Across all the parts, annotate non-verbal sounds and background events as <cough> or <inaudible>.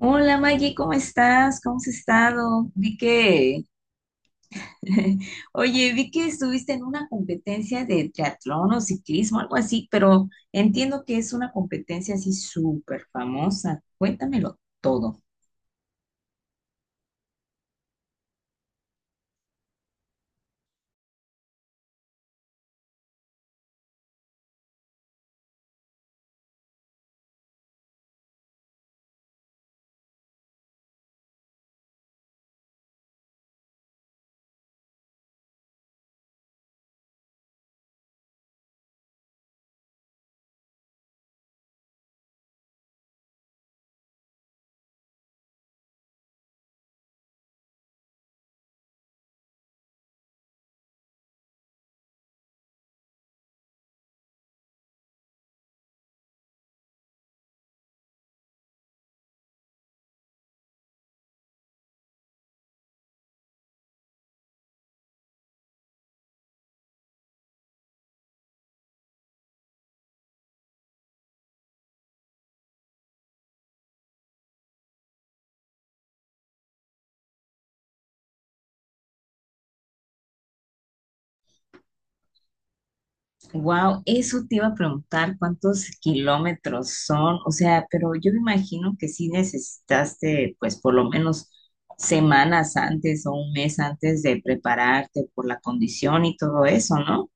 Hola, Maggie, ¿cómo estás? ¿Cómo has estado? Vi que... <laughs> oye, vi que estuviste en una competencia de triatlón o ciclismo, algo así, pero entiendo que es una competencia así súper famosa. Cuéntamelo todo. Wow, eso te iba a preguntar, ¿cuántos kilómetros son? O sea, pero yo me imagino que sí necesitaste, pues, por lo menos semanas antes o un mes antes de prepararte por la condición y todo eso, ¿no?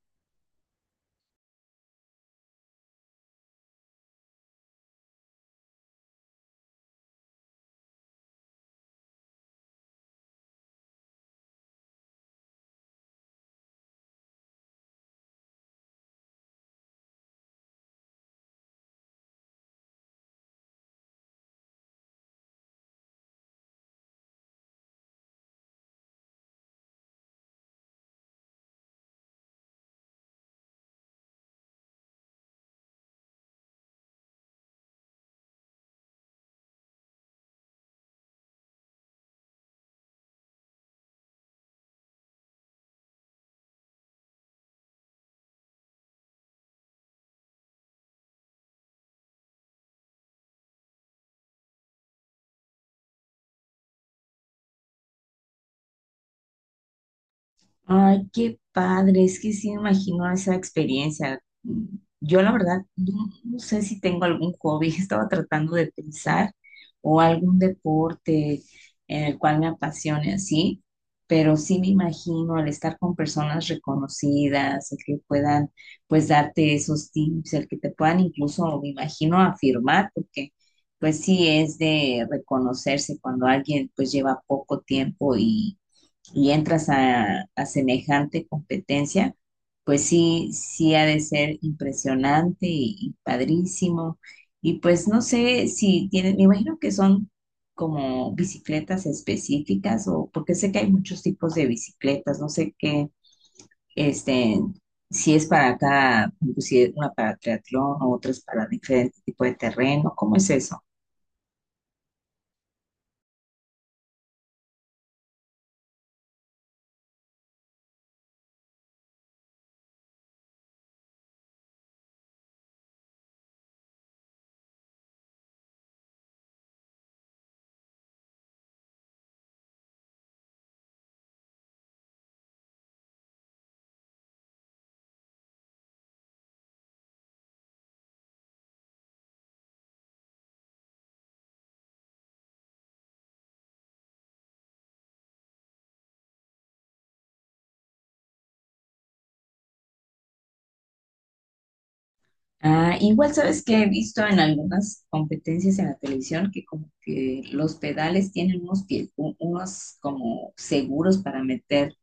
Ay, qué padre, es que sí me imagino esa experiencia. Mm, yo la verdad no, no sé si tengo algún hobby. <laughs> Estaba tratando de pensar o algún deporte en el cual me apasione así, pero sí me imagino, al estar con personas reconocidas, el que puedan pues darte esos tips, el que te puedan incluso, me imagino, afirmar, porque pues sí es de reconocerse cuando alguien pues lleva poco tiempo y entras a semejante competencia, pues sí, sí ha de ser impresionante y padrísimo. Y pues no sé si tienen, me imagino que son como bicicletas específicas, o porque sé que hay muchos tipos de bicicletas, no sé qué, este, si es para cada, si es una para triatlón o otra es para diferente tipo de terreno. ¿Cómo es eso? Ah, igual sabes que he visto en algunas competencias en la televisión que como que los pedales tienen unos pies, unos como seguros para meter,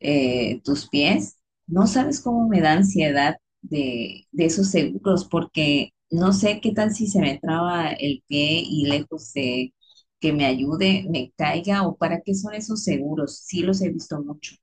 tus pies. No sabes cómo me da ansiedad de esos seguros, porque no sé qué tal si se me traba el pie y lejos de que me ayude, me caiga. O ¿para qué son esos seguros? Sí los he visto mucho.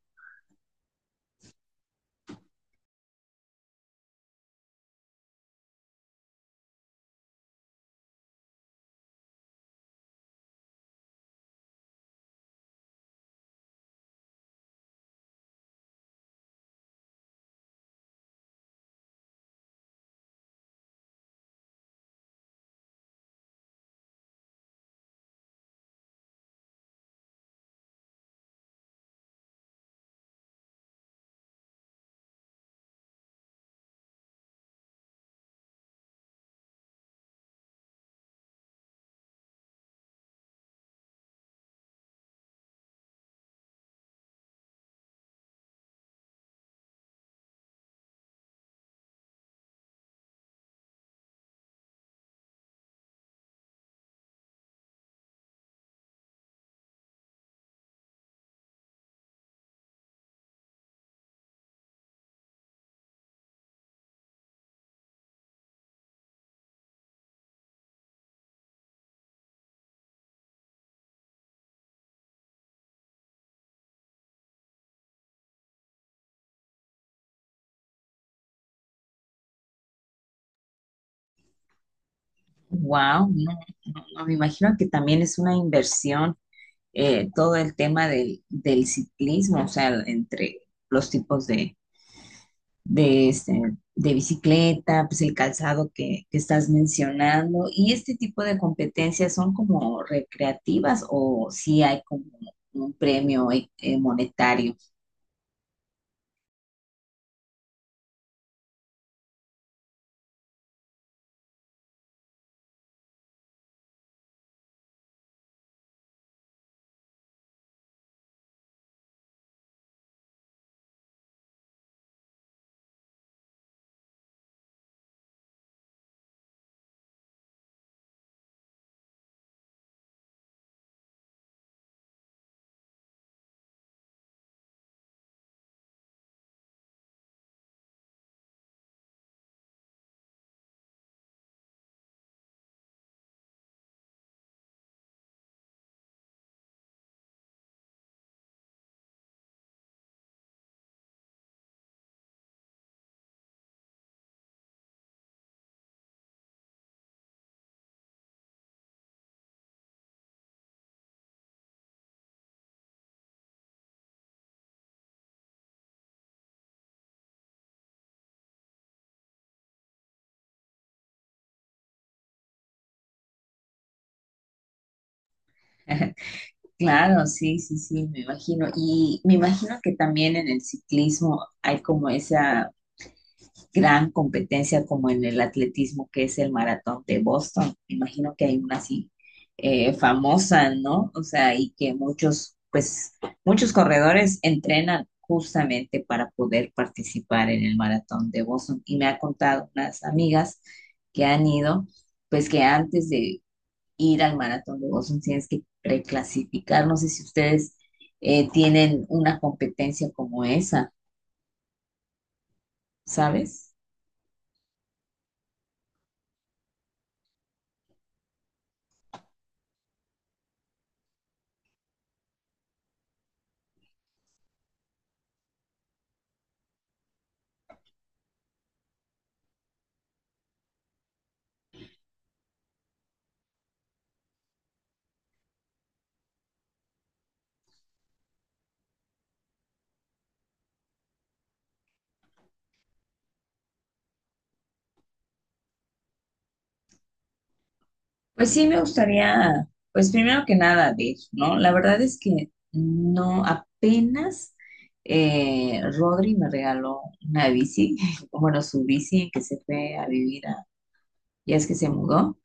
Wow, no, no, no, me imagino que también es una inversión. Todo el tema del, del ciclismo, o sea, entre los tipos de, de bicicleta, pues el calzado que estás mencionando, y este tipo de competencias, ¿son como recreativas o si hay como un premio monetario? <laughs> Claro, sí, sí, sí, me imagino. Y me imagino que también en el ciclismo hay como esa gran competencia como en el atletismo, que es el maratón de Boston. Imagino que hay una así famosa, ¿no? O sea, y que muchos, pues, muchos corredores entrenan justamente para poder participar en el maratón de Boston. Y me ha contado unas amigas que han ido, pues, que antes de ir al maratón de Boston tienes que preclasificar. No sé si ustedes tienen una competencia como esa, ¿sabes? Pues sí, me gustaría. Pues primero que nada, ver, ¿no? La verdad es que no, apenas Rodri me regaló una bici. <laughs> Bueno, su bici, que se fue a vivir, ya, es que se mudó,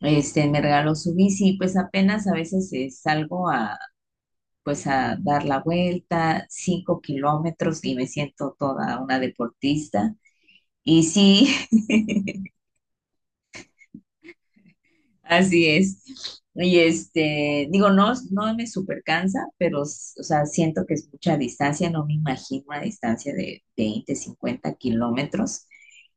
me regaló su bici. Pues apenas a veces salgo a, pues a dar la vuelta, 5 kilómetros, y me siento toda una deportista. Y sí. <laughs> Así es. Y este, digo, no, no me super cansa, pero, o sea, siento que es mucha distancia. No me imagino una distancia de 20, 50 kilómetros.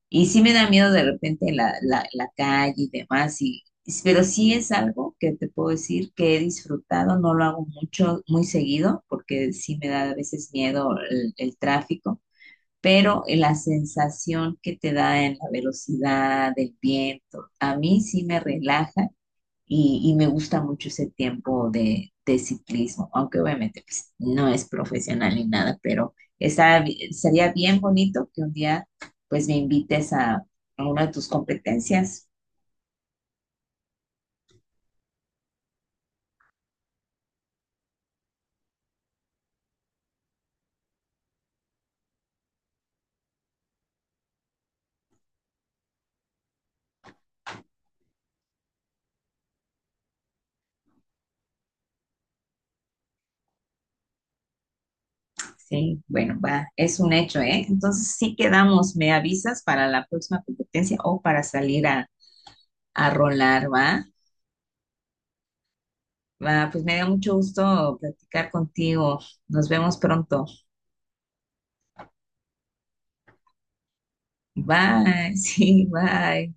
Y sí me da miedo de repente la calle y demás, pero sí es algo que te puedo decir que he disfrutado. No lo hago mucho, muy seguido, porque sí me da a veces miedo el tráfico, pero la sensación que te da en la velocidad, del viento, a mí sí me relaja, y me gusta mucho ese tiempo de ciclismo, aunque obviamente pues no es profesional ni nada, pero sería bien bonito que un día pues me invites a una de tus competencias. Sí, bueno, va, es un hecho, ¿eh? Entonces sí quedamos, me avisas para la próxima competencia o para salir a rolar, ¿va? Va, pues me dio mucho gusto platicar contigo. Nos vemos pronto. Bye, <laughs> sí, bye.